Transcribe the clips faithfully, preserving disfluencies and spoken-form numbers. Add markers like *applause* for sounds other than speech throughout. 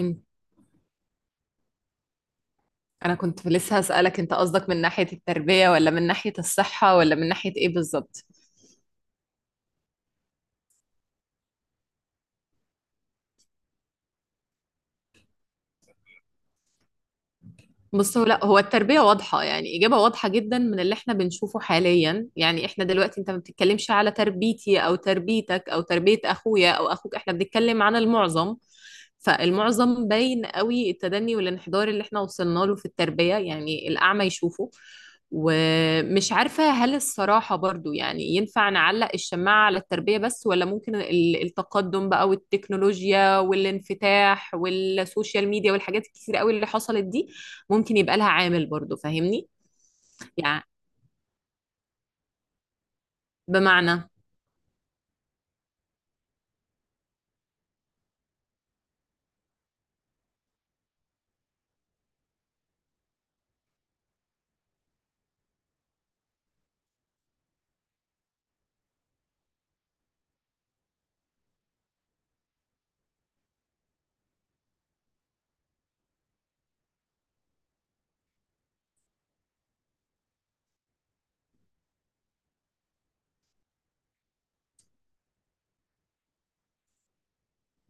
إن- انا كنت لسه هسألك، انت قصدك من ناحية التربية ولا من ناحية الصحة ولا من ناحية ايه بالظبط؟ بص، هو لا، هو التربية واضحة، يعني إجابة واضحة جدا من اللي احنا بنشوفه حاليا. يعني احنا دلوقتي انت ما بتتكلمش على تربيتي أو تربيتك أو تربية أخويا أو أخوك، احنا بنتكلم عن المعظم. فالمعظم باين قوي التدني والانحدار اللي احنا وصلنا له في التربية، يعني الأعمى يشوفه. ومش عارفة هل الصراحة برضو يعني ينفع نعلق الشماعة على التربية بس، ولا ممكن ال- التقدم بقى والتكنولوجيا والانفتاح والسوشيال ميديا والحاجات الكتير قوي اللي حصلت دي ممكن يبقى لها عامل برضو؟ فاهمني. يعني بمعنى،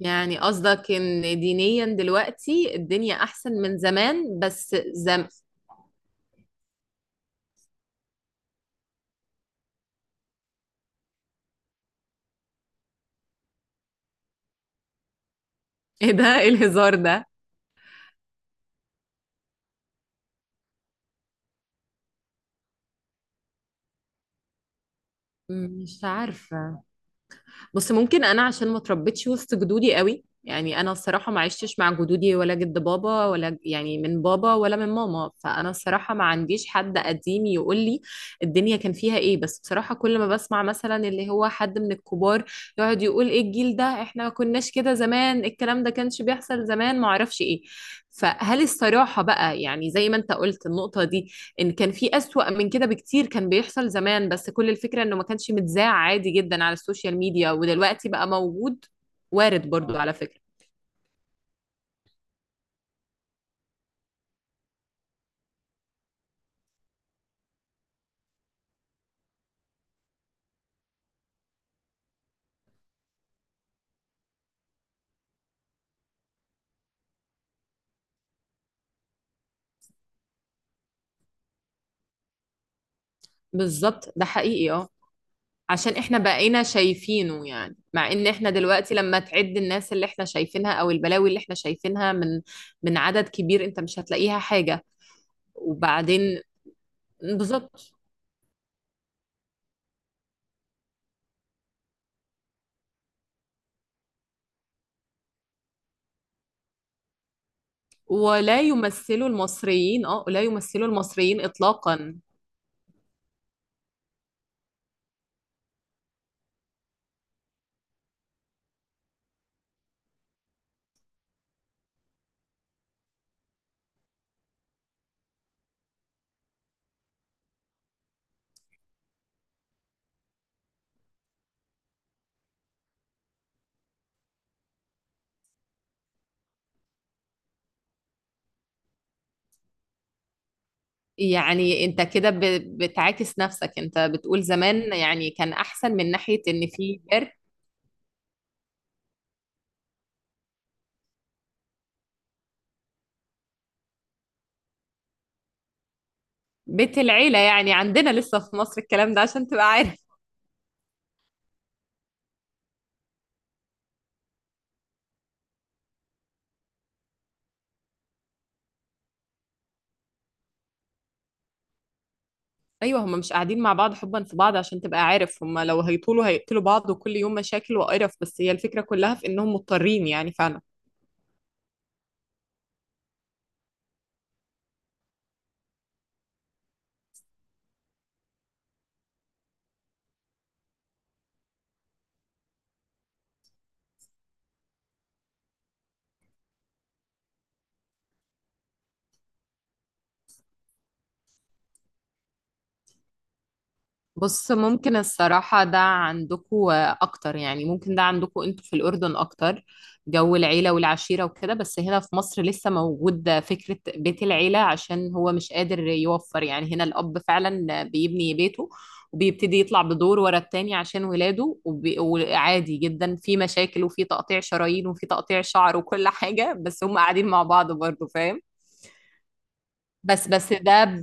يعني قصدك ان دينيا دلوقتي الدنيا احسن من زمان؟ بس زم *laughs* ايه ده؟ إيه الهزار ده؟ مش عارفة. بص، ممكن انا عشان ما اتربيتش وسط جدودي قوي، يعني انا الصراحه ما عشتش مع جدودي، ولا جد بابا، ولا ج- يعني من بابا ولا من ماما. فانا الصراحه ما عنديش حد قديم يقول لي الدنيا كان فيها ايه. بس بصراحه كل ما بسمع مثلا اللي هو حد من الكبار يقعد يقول ايه الجيل ده، احنا ما كناش كده زمان، الكلام ده كانش بيحصل زمان، ما اعرفش ايه. فهل الصراحه بقى، يعني زي ما انت قلت النقطه دي، ان كان في اسوأ من كده بكتير كان بيحصل زمان، بس كل الفكرة انه ما كانش متذاع. عادي جدا، على السوشيال ميديا ودلوقتي بقى موجود. وارد برضو على فكرة. بالظبط ده حقيقي، اه، عشان احنا بقينا شايفينه. يعني مع ان احنا دلوقتي لما تعد الناس اللي احنا شايفينها، او البلاوي اللي احنا شايفينها، من من عدد كبير انت مش هتلاقيها حاجة. وبعدين بالظبط، ولا يمثلوا المصريين، اه، لا يمثلوا المصريين اطلاقا. يعني انت كده ب- بتعاكس نفسك، انت بتقول زمان يعني كان احسن من ناحية ان في جرد. بيت العيلة يعني عندنا لسه في مصر، الكلام ده عشان تبقى عارف. ايوه، هم مش قاعدين مع بعض حبا في بعض عشان تبقى عارف، هم لو هيطولوا هيقتلوا بعض، وكل يوم مشاكل وقرف، بس هي الفكرة كلها في انهم مضطرين يعني، فعلا. بص، ممكن الصراحة ده عندكو أكتر، يعني ممكن ده عندكو أنتوا في الأردن أكتر، جو العيلة والعشيرة وكده. بس هنا في مصر لسه موجود فكرة بيت العيلة، عشان هو مش قادر يوفر. يعني هنا الأب فعلا بيبني بيته وبيبتدي يطلع بدور ورا التاني عشان ولاده، وبي- وعادي جدا في مشاكل وفي تقطيع شرايين وفي تقطيع شعر وكل حاجة، بس هم قاعدين مع بعض برضه، فاهم؟ بس بس ده ب...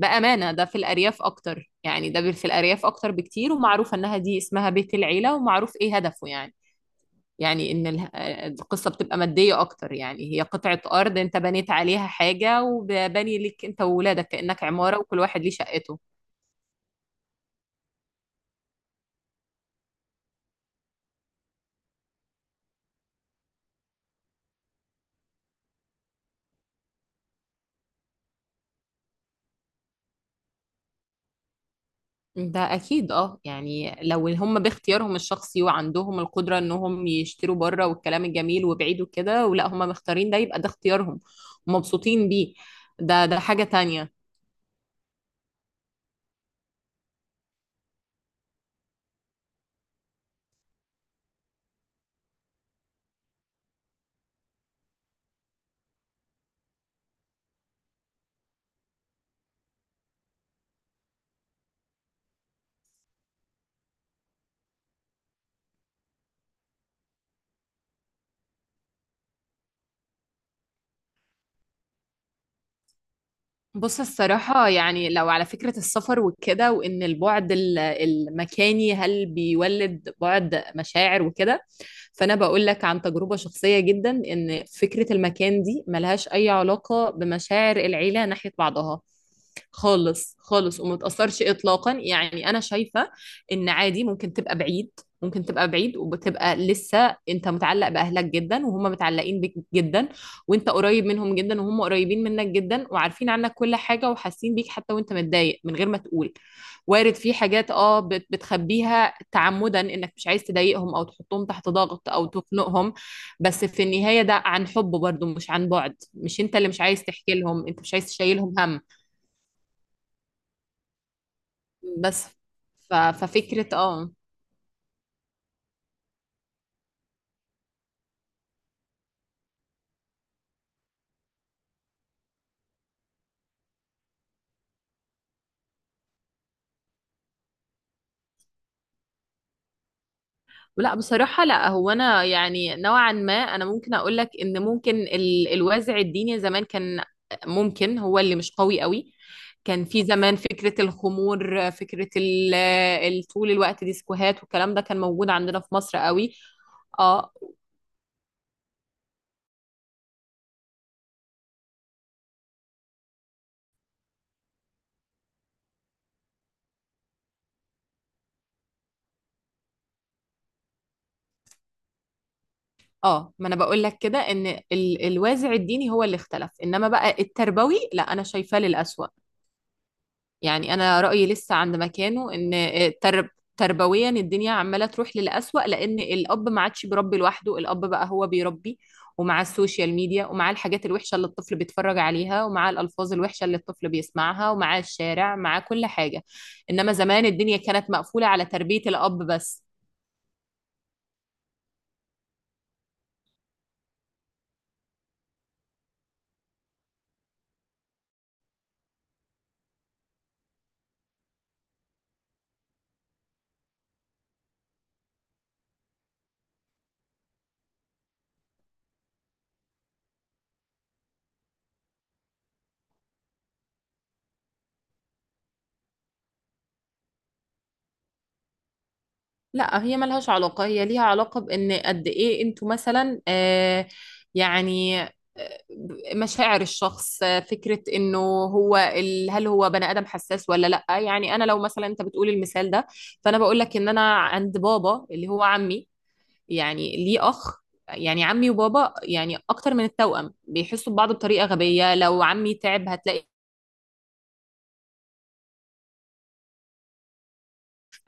بأمانة ده في الأرياف أكتر، يعني ده في الأرياف أكتر بكتير، ومعروف إنها دي اسمها بيت العيلة، ومعروف إيه هدفه. يعني يعني إن اله- القصة بتبقى مادية أكتر، يعني هي قطعة أرض أنت بنيت عليها حاجة وبني لك أنت وولادك كأنك عمارة وكل واحد ليه شقته. ده أكيد، أه، يعني لو هم باختيارهم الشخصي وعندهم القدرة إنهم يشتروا بره والكلام الجميل وبعيد وكده، ولا هم مختارين ده، يبقى ده اختيارهم ومبسوطين بيه. ده ده حاجة تانية. بص الصراحة، يعني لو على فكرة السفر وكده، وإن البعد ال- المكاني هل بيولد بعد مشاعر وكده، فأنا بقول لك عن تجربة شخصية جدا إن فكرة المكان دي ملهاش أي علاقة بمشاعر العيلة ناحية بعضها، خالص خالص، وما تأثرش إطلاقا. يعني أنا شايفة إن عادي ممكن تبقى بعيد، ممكن تبقى بعيد وبتبقى لسه أنت متعلق بأهلك جدا، وهم متعلقين بيك جدا، وانت قريب منهم جدا، وهم قريبين منك جدا، وعارفين عنك كل حاجة، وحاسين بيك حتى وانت متضايق من غير ما تقول. وارد في حاجات، اه، بت- بتخبيها تعمدا انك مش عايز تضايقهم او تحطهم تحت ضغط او تخنقهم. بس في النهاية ده عن حب برضو، مش عن بعد، مش انت اللي مش عايز تحكي لهم، انت مش عايز تشيلهم هم. بس ف... ففكرة اه لا، بصراحة لا. هو أنا يعني نوعا ما أنا ممكن أقول لك إن ممكن ال- الوازع الديني زمان كان، ممكن هو اللي مش قوي قوي. كان في زمان فكرة الخمور، فكرة ال- ال- طول الوقت ديسكوهات، والكلام ده كان موجود عندنا في مصر قوي. اه اه، ما انا بقول لك كده، ان ال- الوازع الديني هو اللي اختلف، انما بقى التربوي لا، انا شايفاه للأسوأ. يعني انا رايي لسه عند مكانه، ان ترب تربويا الدنيا عماله تروح للأسوأ، لان الاب ما عادش بيربي لوحده، الاب بقى هو بيربي ومع السوشيال ميديا، ومع الحاجات الوحشه اللي الطفل بيتفرج عليها، ومع الالفاظ الوحشه اللي الطفل بيسمعها، ومع الشارع، مع كل حاجه. انما زمان الدنيا كانت مقفوله على تربيه الاب بس. لا، هي ملهاش علاقة، هي ليها علاقة بإن قد إيه أنتوا مثلا، آه يعني، آه، مشاعر الشخص، آه، فكرة إنه هو ال- هل هو بني آدم حساس ولا لأ. يعني أنا لو مثلا أنت بتقول المثال ده، فأنا بقول لك إن أنا عند بابا اللي هو عمي، يعني ليه أخ، يعني عمي وبابا يعني أكتر من التوأم، بيحسوا ببعض بطريقة غبية. لو عمي تعب هتلاقي،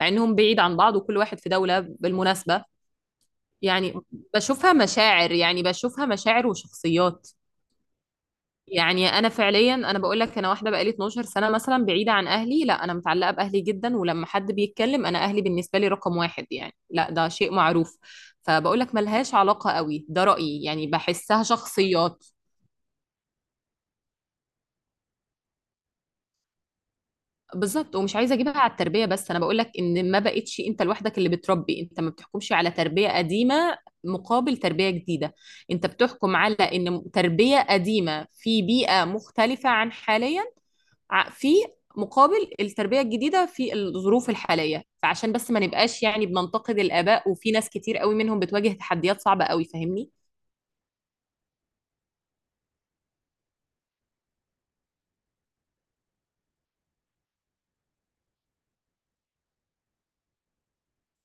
مع إنهم بعيد عن بعض وكل واحد في دولة بالمناسبة. يعني بشوفها مشاعر، يعني بشوفها مشاعر وشخصيات. يعني انا فعليا انا بقول لك، انا واحده بقالي اتناشر سنه مثلا بعيده عن اهلي، لا انا متعلقه باهلي جدا، ولما حد بيتكلم انا اهلي بالنسبه لي رقم واحد، يعني لا ده شيء معروف. فبقول لك ملهاش علاقه قوي، ده رايي، يعني بحسها شخصيات. بالظبط، ومش عايزه اجيبها على التربيه بس، انا بقول لك ان ما بقتش انت لوحدك اللي بتربي، انت ما بتحكمش على تربيه قديمه مقابل تربيه جديده. انت بتحكم على ان تربيه قديمه في بيئه مختلفه عن حاليا، ع- في مقابل التربيه الجديده في الظروف الحاليه. فعشان بس ما نبقاش يعني بننتقد الاباء، وفي ناس كتير قوي منهم بتواجه تحديات صعبه قوي، فاهمني؟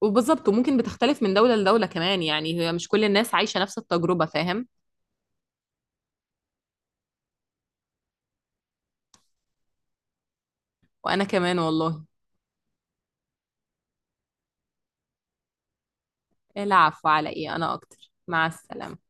وبالظبط، وممكن بتختلف من دوله لدوله كمان، يعني هي مش كل الناس عايشه نفس التجربه، فاهم؟ وانا كمان والله. العفو، على ايه، انا اكتر. مع السلامة.